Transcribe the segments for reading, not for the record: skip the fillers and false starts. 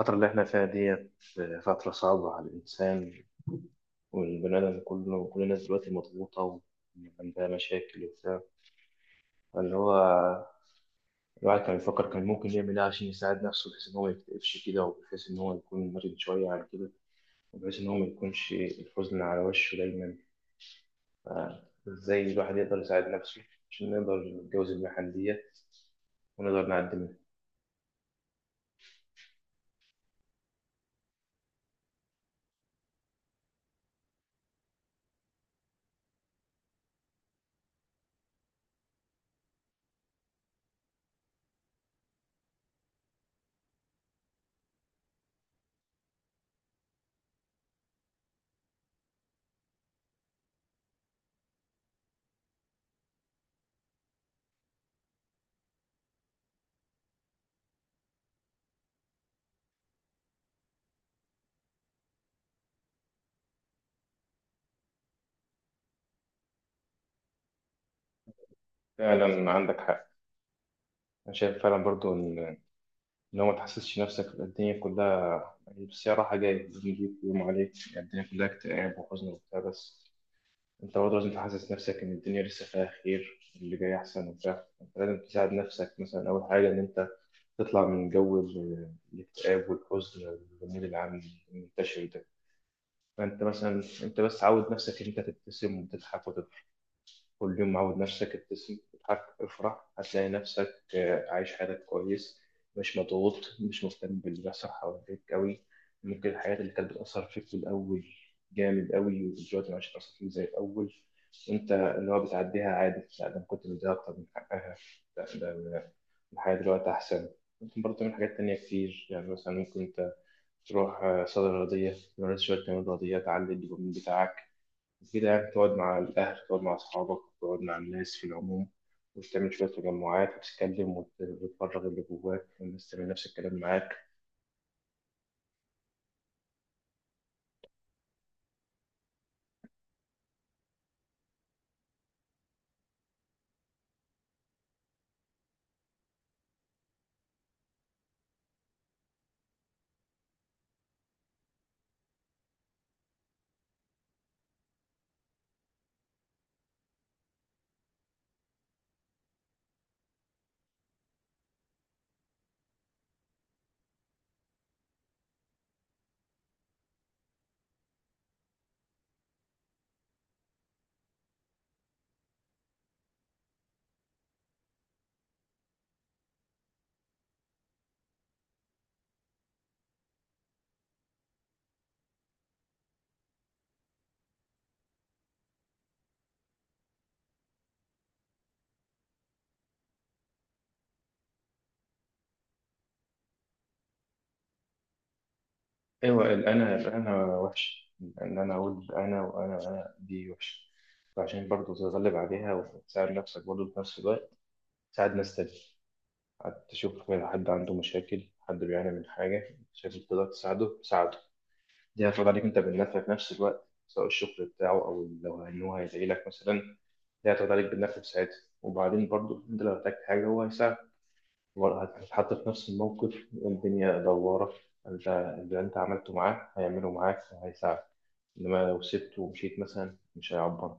الفترة اللي احنا فيها ديت فترة صعبة على الإنسان، والبني آدم كله، كل الناس دلوقتي مضغوطة وعندها مشاكل وبتاع. فاللي هو الواحد كان بيفكر كان ممكن يعمل إيه عشان يساعد نفسه بحيث إن هو ميكتئبش كده، وبحيث إن هو يكون مرن شوية عن كده، وبحيث إن هو ميكونش الحزن على وشه دايما. فإزاي الواحد يقدر يساعد نفسه عشان نقدر نتجاوز المحن ديت ونقدر نعدي منها؟ فعلا عندك حق. أنا شايف فعلا برضو إن هو ما تحسسش نفسك الدنيا كلها بس هي راحة جاية، بنجيب يوم عليك يعني الدنيا كلها اكتئاب وحزن وبتاع. بس أنت برضه لازم تحسس نفسك إن الدنيا لسه فيها خير، اللي جاي أحسن وبتاع. أنت لازم تساعد نفسك. مثلا أول حاجة إن أنت تطلع من جو الاكتئاب والحزن والجميل العام المنتشر ده. فأنت مثلا، أنت بس عود نفسك إن أنت تبتسم وتضحك. كل يوم عود نفسك ابتسم، اضحك، افرح، هتلاقي نفسك عايش حياتك كويس، مش مضغوط، مش مهتم باللي بيحصل حواليك قوي. ممكن الحاجات اللي كانت بتأثر فيك في الأول جامد قوي، ودلوقتي مش هتأثر فيك زي الأول، وأنت اللي هو بتعديها عادي. لا، ده أنا كنت مديها أكتر من حقها. لا، ده أنا الحياة دلوقتي أحسن. ممكن برضه تعمل حاجات تانية كتير. يعني مثلا ممكن أنت تروح صيدلة رياضية، تمارس شوية تمارين رياضية تعلي الدوبامين بتاعك، مفيدة. يعني تقعد مع الأهل، تقعد مع أصحابك، تقعد مع الناس في العموم، وتعمل شوية تجمعات وتتكلم، وتفرغ اللي جواك، والناس تعمل نفس الكلام معاك. أيوة، الأنا الأنا وحش، إن أنا أقول أنا وأنا وأنا دي وحشة. فعشان برضه تتغلب عليها وتساعد نفسك، برضه في نفس الوقت تساعد ناس تانية. حد تشوف حد عنده مشاكل، حد بيعاني من حاجة شايف إنك تقدر تساعده، ساعده. دي هتفرض عليك أنت بالنفع في نفس الوقت، سواء الشغل بتاعه أو لو إن هو هيدعي لك مثلا، ده هتاخد عليك بالنفع في ساعتها. وبعدين برضه انت لو احتجت حاجه هو هيساعدك، برضه هتتحط في نفس الموقف. الدنيا دواره، انت اللي انت عملته معاه هيعمله معاك وهيساعدك. انما لو سبته ومشيت مثلا مش هيعبر.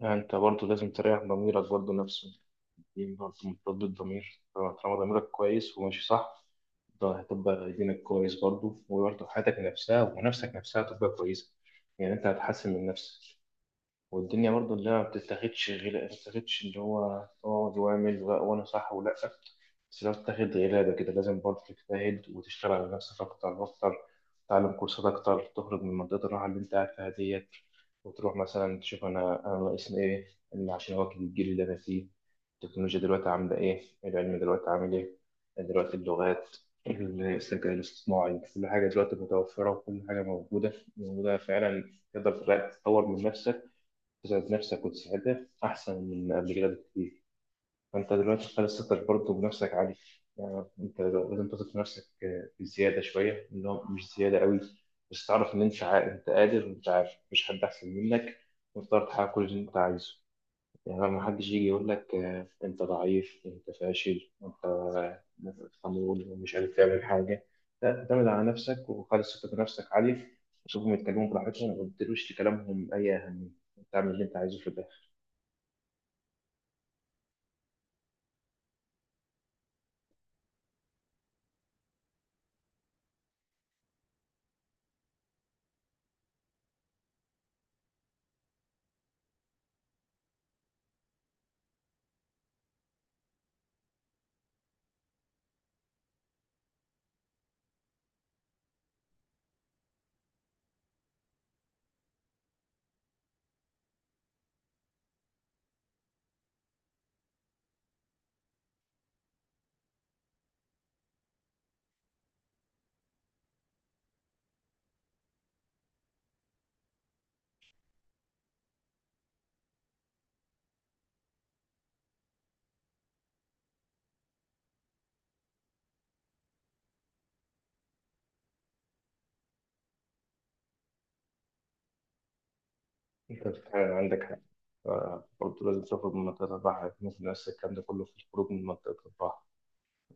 يعني انت برضه لازم تريح ضميرك برضه نفسه. دي برضه مرتبط بالضمير. طالما ضميرك كويس وماشي صح، ده هتبقى دينك كويس برضه، وبرضه حياتك نفسها ونفسك نفسها هتبقى كويسة. يعني انت هتحسن من نفسك. والدنيا برضو اللي ما بتتاخدش غير ما بتتاخدش. اللي هو اقعد واعمل، وانا صح ولا، بس لو بتاخد غلابة كده لازم برضه تجتهد وتشتغل على نفسك أكتر وأكتر. تتعلم كورسات أكتر، تخرج من منطقة الراحة اللي أنت قاعد فيها ديت، وتروح مثلا تشوف أنا، أنا ناقصني إيه، إن عشان أواكب الجيل اللي أنا فيه. التكنولوجيا دلوقتي عاملة إيه، العلم دلوقتي عامل إيه، دلوقتي اللغات، الذكاء الاصطناعي، كل حاجة دلوقتي متوفرة وكل حاجة موجودة فعلا، تقدر تطور من نفسك، تسعد نفسك وتسعدها أحسن من قبل كده بكتير. فأنت دلوقتي خلاص ثقتك برضه بنفسك عالية. يعني أنت لازم تثق في نفسك بزيادة شوية، اللي هو مش زيادة قوي، بس تعرف إن أنت أنت قادر، وأنت عارف مفيش حد أحسن منك، وتقدر تحقق كل اللي أنت عايزه. يعني ما حدش يجي يقول لك أنت ضعيف، أنت فاشل، أنت، خمول ومش قادر تعمل حاجة. لا، اعتمد على نفسك وخلص ثقة بنفسك عالية، وشوفهم يتكلموا براحتهم وما تديلوش لكلامهم أي أهمية. تعمل اللي انت عايزه في الآخر. انت فعلا عندك حق. برضه لازم تخرج من منطقة الراحة، مثل نفس الكلام ده كله في الخروج من منطقة الراحة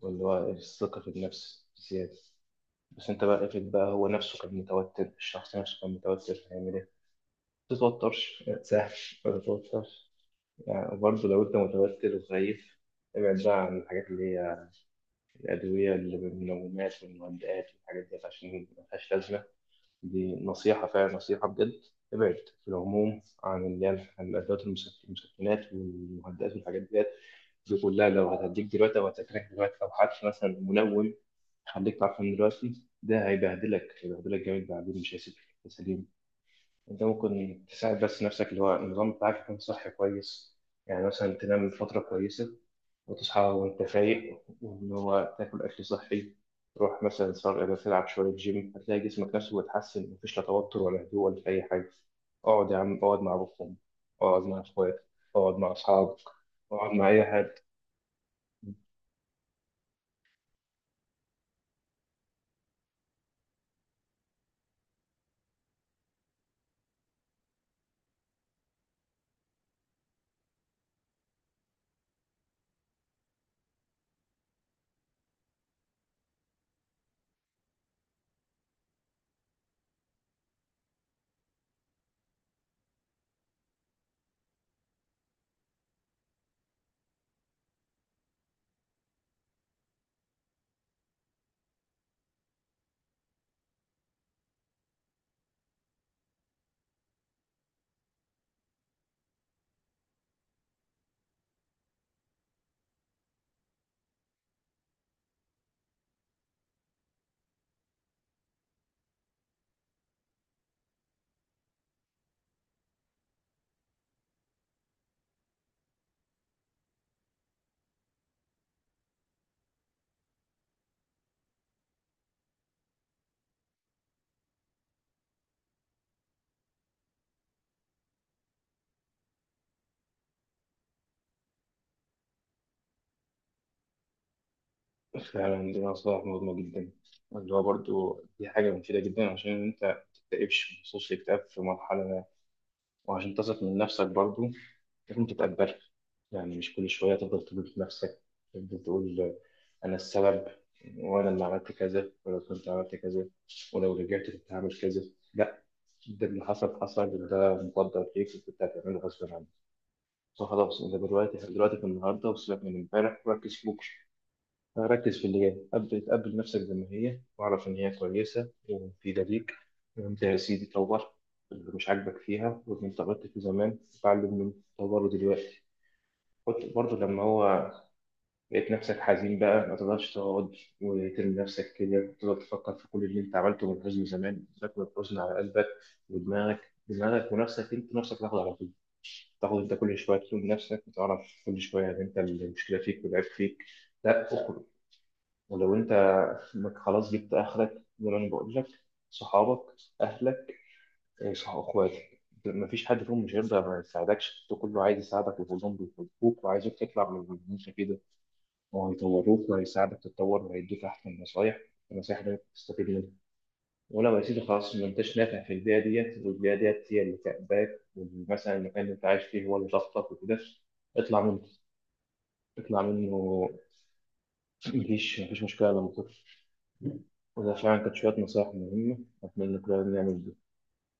واللي هو الثقة في النفس زيادة. بس انت بقى افرض بقى هو نفسه كان متوتر، الشخص نفسه كان متوتر، هيعمل ايه؟ ما تتوترش، ما تساهلش، ما تتوترش. يعني وبرضه لو انت متوتر وخايف، ابعد بقى عن الحاجات اللي هي الأدوية، اللي بالمنومات والمهدئات والحاجات دي، عشان ملهاش لازمة. دي نصيحة فعلا، نصيحة بجد. ابعد في العموم عن اللي هي الأدوات المسكنات والمهدئات والحاجات ديت. دي كلها لو هتديك دلوقتي أو هتاكلك دلوقتي، أو حتى مثلا منوم، خليك تعرفان دلوقتي ده هيبهدلك، هيبهدلك جامد بعدين، مش هيسيبك يا سليم. أنت ممكن تساعد بس نفسك، اللي هو النظام بتاعك يكون صحي كويس. يعني مثلا تنام فترة كويسة وتصحى وأنت فايق، وإن هو تاكل أكل صحي، تروح مثلا صار إذا تلعب شوية جيم، هتلاقي جسمك نفسه بيتحسن، مفيش لا توتر ولا هدوء ولا أي حاجة. اقعد يا عم، اقعد مع أبوكم، اقعد مع إخواتك، اقعد مع أصحابك، اقعد مع أي حد. فعلا دي نصائح مهمة جدا، اللي هو برضه دي حاجة مفيدة جدا عشان أنت تكتئبش. بخصوص الاكتئاب في مرحلة ما، وعشان تثق من نفسك برضه، لازم انت تتقبل. يعني مش كل شوية تفضل تقول في نفسك، تفضل تقول أنا السبب، وأنا اللي عملت كذا، ولو كنت عملت كذا، ولو رجعت كنت هعمل كذا. لا، ده اللي حصل حصل، وده مقدر ليك وكنت هتعمله غصب عنك. فخلاص انت دلوقتي، دلوقتي في النهارده، وسيبك من امبارح وركز في بكره. ركز في اللي جاي قبل، تقبل نفسك زي ما هي واعرف ان هي كويسه ومفيده ليك. وانت يا سيدي طور اللي مش عاجبك فيها، واللي انت غلطت فيه زمان اتعلم من طوره دلوقتي. كنت برضه لما هو لقيت نفسك حزين بقى، ما تقدرش تقعد وترمي نفسك كده وتقعد تفكر في كل اللي انت عملته من حزن زمان، تاكل الحزن على قلبك ودماغك. دماغك ونفسك انت نفسك تاخد على طول، تاخد انت كل شويه تلوم نفسك وتعرف كل شويه ان انت المشكله فيك والعيب فيك. لا، اخرج. ولو انت انك خلاص جبت اخرك زي ما انا بقول لك، صحابك، اهلك، صح، اخواتك، مفيش حد فيهم مش هيرضى ما يساعدكش، ده كله عايز يساعدك وكلهم بيحبوك وعايزك تطلع من المنشأ كده، وهيطوروك وهيساعدك تتطور وهيدوك أحسن نصايح. النصايح دي تستفيد منها. ولو يا سيدي خلاص ما انتش نافع في البيئة ديت، والبيئة ديت هي اللي كأباك، ومثلا المكان اللي انت عايش فيه هو اللي ضغطك وكده، اطلع منه، اطلع منه. مفيش مشكلة لما تطلع. وده فعلا كانت شوية نصايح مهمة، أتمنى كلنا نعمل.